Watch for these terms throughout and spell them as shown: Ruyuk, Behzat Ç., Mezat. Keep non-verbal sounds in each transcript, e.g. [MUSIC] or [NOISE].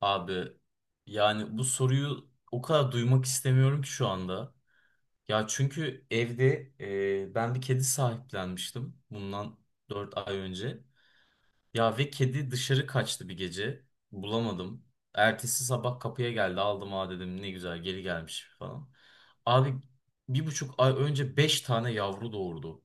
Abi yani bu soruyu o kadar duymak istemiyorum ki şu anda. Ya çünkü evde ben bir kedi sahiplenmiştim bundan 4 ay önce. Ya ve kedi dışarı kaçtı bir gece. Bulamadım. Ertesi sabah kapıya geldi aldım, ha dedim ne güzel geri gelmiş falan. Abi bir buçuk ay önce 5 tane yavru doğurdu.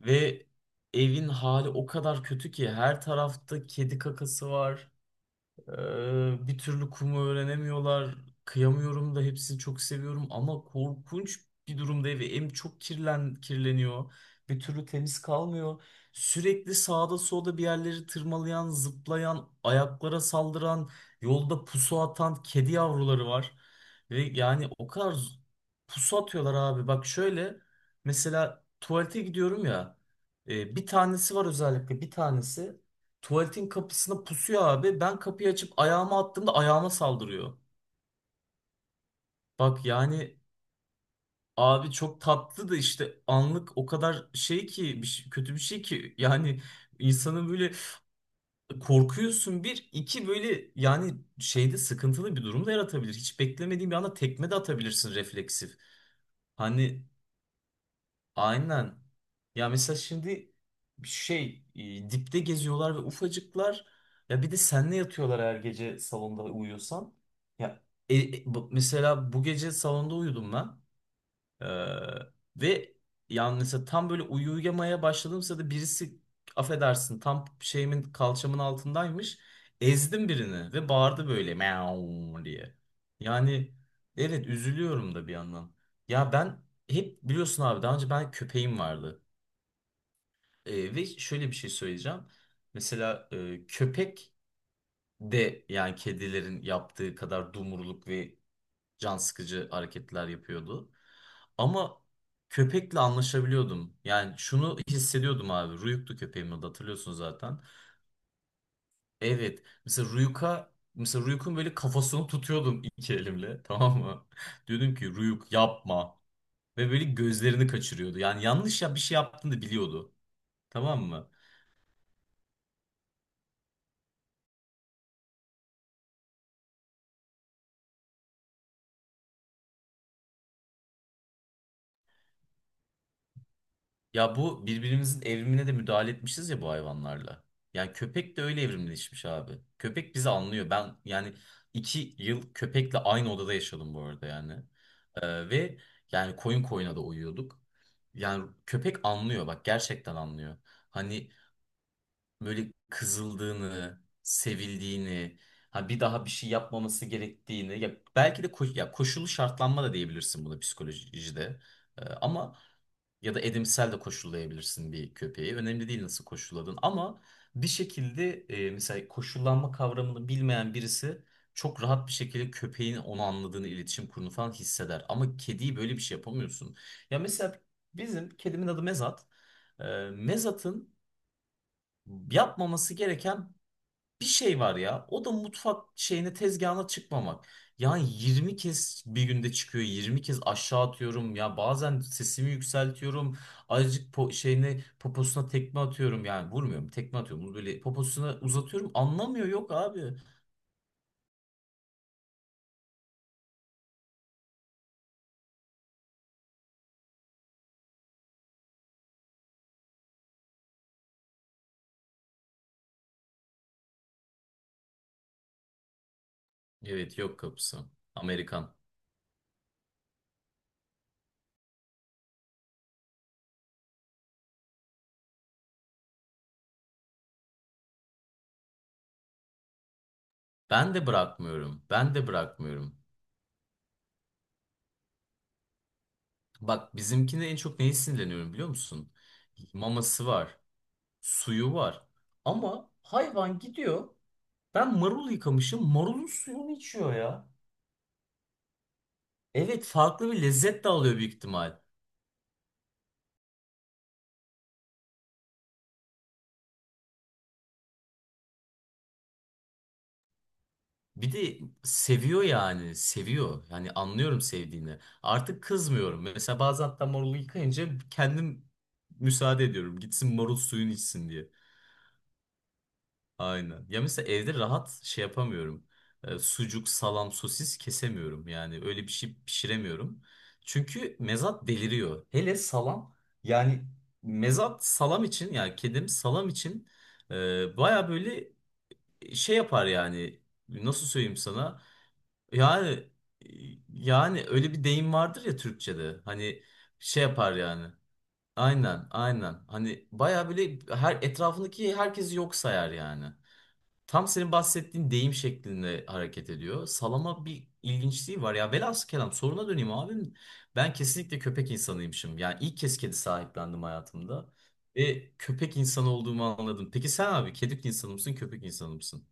Ve evin hali o kadar kötü ki her tarafta kedi kakası var. Bir türlü kumu öğrenemiyorlar. Kıyamıyorum da, hepsini çok seviyorum ama korkunç bir durumda ve çok kirleniyor. Bir türlü temiz kalmıyor. Sürekli sağda solda bir yerleri tırmalayan, zıplayan, ayaklara saldıran, yolda pusu atan kedi yavruları var. Ve yani pusu atıyorlar abi. Bak şöyle mesela tuvalete gidiyorum ya. Bir tanesi var, özellikle bir tanesi. Tuvaletin kapısına pusuyor abi. Ben kapıyı açıp ayağımı attığımda ayağıma saldırıyor. Bak yani abi, çok tatlı da işte anlık o kadar kötü bir şey ki, yani insanı böyle korkuyorsun, bir iki böyle yani şeyde sıkıntılı bir durum da yaratabilir. Hiç beklemediğin bir anda tekme de atabilirsin refleksif. Hani aynen. Ya mesela şimdi dipte geziyorlar ve ufacıklar. Ya bir de senle yatıyorlar her gece salonda uyuyorsan. Ya mesela bu gece salonda uyudum ben. Ee, Ve yani mesela tam böyle uyuyamaya başladığım sırada birisi, affedersin, tam kalçamın altındaymış. Ezdim birini ve bağırdı böyle meow diye. Yani evet, üzülüyorum da bir yandan. Ya ben, hep biliyorsun abi, daha önce ben köpeğim vardı. Ve şöyle bir şey söyleyeceğim. Mesela köpek de yani kedilerin yaptığı kadar dumurluk ve can sıkıcı hareketler yapıyordu. Ama köpekle anlaşabiliyordum. Yani şunu hissediyordum abi. Ruyuk'tu köpeğimin adı, hatırlıyorsun zaten. Evet. Mesela Ruyuk'a, Ruyuk'un böyle kafasını tutuyordum iki elimle. Tamam mı? [LAUGHS] Diyordum ki Ruyuk yapma. Ve böyle gözlerini kaçırıyordu. Yani yanlış ya bir şey yaptığını da biliyordu. Tamam mı? Ya bu, birbirimizin evrimine de müdahale etmişiz ya bu hayvanlarla. Yani köpek de öyle evrimleşmiş abi. Köpek bizi anlıyor. Ben yani iki yıl köpekle aynı odada yaşadım bu arada, yani. Ve yani koyun koyuna da uyuyorduk. Yani köpek anlıyor, bak gerçekten anlıyor. Hani böyle kızıldığını, sevildiğini, ha bir daha bir şey yapmaması gerektiğini. Ya belki de koşullu şartlanma da diyebilirsin buna psikolojide. Ama ya da edimsel de koşullayabilirsin bir köpeği. Önemli değil nasıl koşulladın. Ama bir şekilde mesela koşullanma kavramını bilmeyen birisi çok rahat bir şekilde köpeğin onu anladığını, iletişim kurduğunu falan hisseder. Ama kediyi böyle bir şey yapamıyorsun. Ya mesela bizim kedimin adı Mezat. E, Mezat'ın yapmaması gereken bir şey var ya. O da mutfak şeyine, tezgahına çıkmamak. Yani 20 kez bir günde çıkıyor, 20 kez aşağı atıyorum. Ya bazen sesimi yükseltiyorum. Azıcık po şeyine poposuna tekme atıyorum. Yani vurmuyorum, tekme atıyorum. Böyle poposuna uzatıyorum. Anlamıyor. Yok abi. Evet, yok kapısı. Amerikan. Ben de bırakmıyorum, ben de bırakmıyorum. Bak bizimkine en çok neye sinirleniyorum biliyor musun? Maması var, suyu var. Ama hayvan gidiyor, ben marul yıkamışım, marulun suyunu içiyor ya. Evet, farklı bir lezzet de alıyor büyük ihtimal. Bir de seviyor, yani seviyor. Yani anlıyorum sevdiğini. Artık kızmıyorum. Mesela bazen hatta marulu yıkayınca kendim müsaade ediyorum, gitsin marul suyunu içsin. Aynen. Ya mesela evde rahat şey yapamıyorum. Sucuk, salam, sosis kesemiyorum. Yani öyle bir şey pişiremiyorum. Çünkü mezat deliriyor. Hele salam. Yani mezat salam için yani kedim salam için baya böyle şey yapar yani. Nasıl söyleyeyim sana? Yani Yani öyle bir deyim vardır ya Türkçe'de. Hani şey yapar yani. Aynen. Hani baya böyle etrafındaki herkesi yok sayar yani. Tam senin bahsettiğin deyim şeklinde hareket ediyor. Salama bir ilginçliği var. Ya velhasıl kelam, soruna döneyim abim. Ben kesinlikle köpek insanıymışım. Yani ilk kez kedi sahiplendim hayatımda. Ve köpek insanı olduğumu anladım. Peki sen abi, kedi insanı mısın, köpek insanı mısın?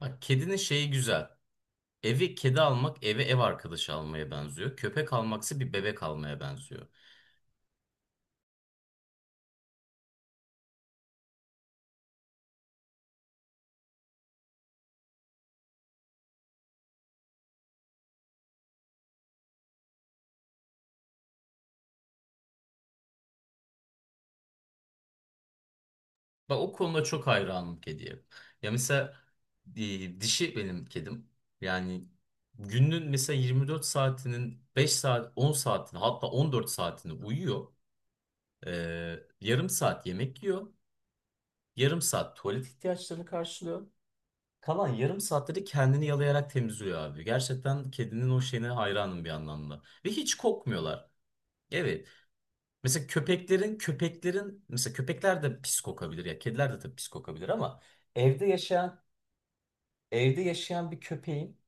Bak, kedinin şeyi güzel. Kedi almak eve ev arkadaşı almaya benziyor. Köpek almaksa bir bebek almaya benziyor. Bak, o konuda çok hayranım kediye. Ya mesela dişi benim kedim. Yani günün mesela 24 saatinin, 5 saat, 10 saatini, hatta 14 saatini uyuyor. Yarım saat yemek yiyor. Yarım saat tuvalet ihtiyaçlarını karşılıyor. Kalan yarım saatte de kendini yalayarak temizliyor abi. Gerçekten kedinin o şeyine hayranım bir anlamda. Ve hiç kokmuyorlar. Evet. Mesela köpekler de pis kokabilir ya, kediler de tabii pis kokabilir ama Evde yaşayan evde yaşayan bir köpeğin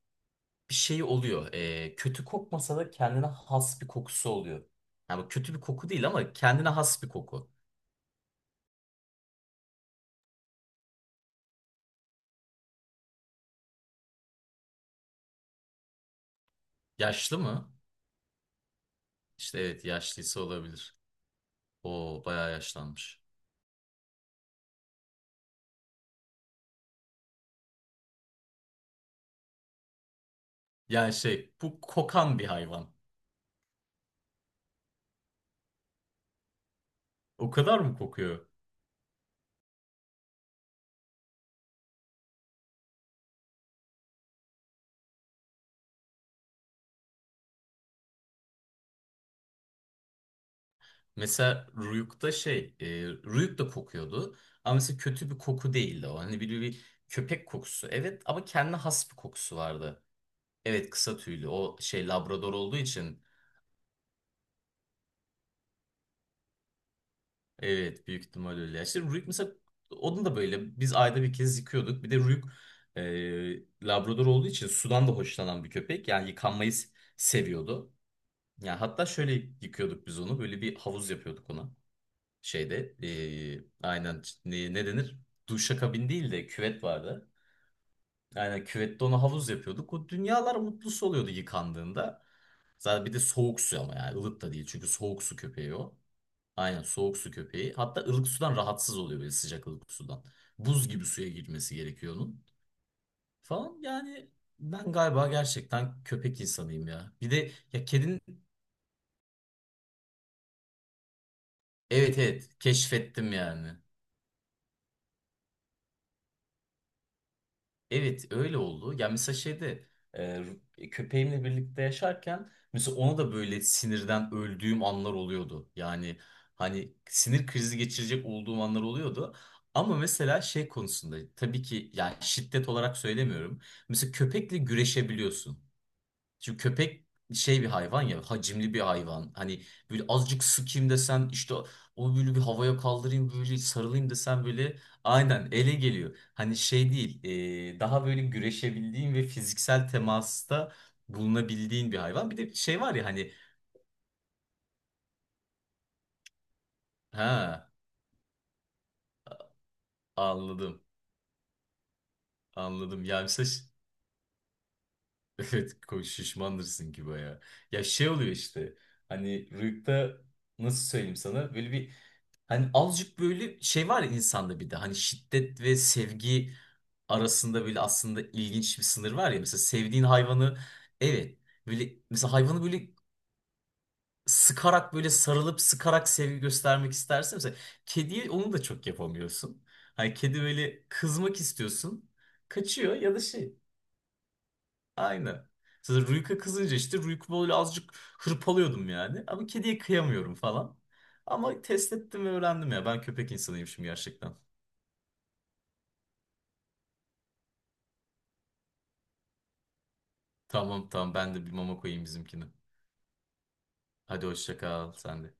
bir şeyi oluyor. Kötü kokmasa da kendine has bir kokusu oluyor. Yani bu kötü bir koku değil ama kendine has bir koku. Yaşlı mı? İşte evet, yaşlıysa olabilir. O bayağı yaşlanmış. Yani şey, bu kokan bir hayvan. O kadar mı kokuyor? Mesela Ruyuk'ta Ruyuk da kokuyordu. Ama mesela kötü bir koku değildi o. Hani bir, bir köpek kokusu. Evet ama kendine has bir kokusu vardı. Evet, kısa tüylü. O şey, Labrador olduğu için. Evet, büyük ihtimal öyle. İşte Ruik mesela, onun da böyle biz ayda bir kez yıkıyorduk. Bir de Ruik Labrador olduğu için sudan da hoşlanan bir köpek. Yani seviyordu. Yani hatta şöyle yıkıyorduk biz onu, böyle bir havuz yapıyorduk ona. Aynen, ne, ne denir? Duşakabin değil de küvet vardı. Yani küvette ona havuz yapıyorduk. O dünyalar mutlusu oluyordu yıkandığında. Zaten bir de soğuk su ama yani ılık da değil. Çünkü soğuk su köpeği o. Aynen, soğuk su köpeği. Hatta ılık sudan rahatsız oluyor, böyle sıcak ılık sudan. Buz gibi suya girmesi gerekiyor onun. Falan yani, ben galiba gerçekten köpek insanıyım ya. Bir de ya kedin, evet evet, keşfettim yani. Evet öyle oldu. Ya mesela e, köpeğimle birlikte yaşarken mesela ona da böyle sinirden öldüğüm anlar oluyordu. Yani hani sinir krizi geçirecek olduğum anlar oluyordu. Ama mesela şey konusunda tabii ki, yani şiddet olarak söylemiyorum. Mesela köpekle güreşebiliyorsun. Çünkü köpek şey bir hayvan ya, hacimli bir hayvan. Hani böyle azıcık sıkayım desen, işte onu böyle bir havaya kaldırayım böyle sarılayım desen, böyle aynen ele geliyor. Hani şey değil, daha böyle güreşebildiğin ve fiziksel temasta bulunabildiğin bir hayvan. Bir de şey var ya hani, ha, anladım, anladım, yani mesela [LAUGHS] evet, şişmandırsın ki baya. Ya şey oluyor işte, hani rüyukta, nasıl söyleyeyim sana, böyle bir, hani azıcık böyle şey var ya insanda, bir de hani şiddet ve sevgi arasında böyle aslında ilginç bir sınır var ya. Mesela sevdiğin hayvanı, evet böyle, mesela hayvanı böyle sıkarak, böyle sarılıp sıkarak sevgi göstermek istersen mesela, kediye onu da çok yapamıyorsun. Hani kedi, böyle kızmak istiyorsun, kaçıyor ya da şey, aynı. Mesela Ruyk'a kızınca işte Ruyk'u böyle azıcık hırpalıyordum yani, ama kediye kıyamıyorum falan. Ama test ettim ve öğrendim ya, ben köpek insanıymışım gerçekten. Tamam tamam, ben de bir mama koyayım bizimkine. Hadi hoşça kal sen de.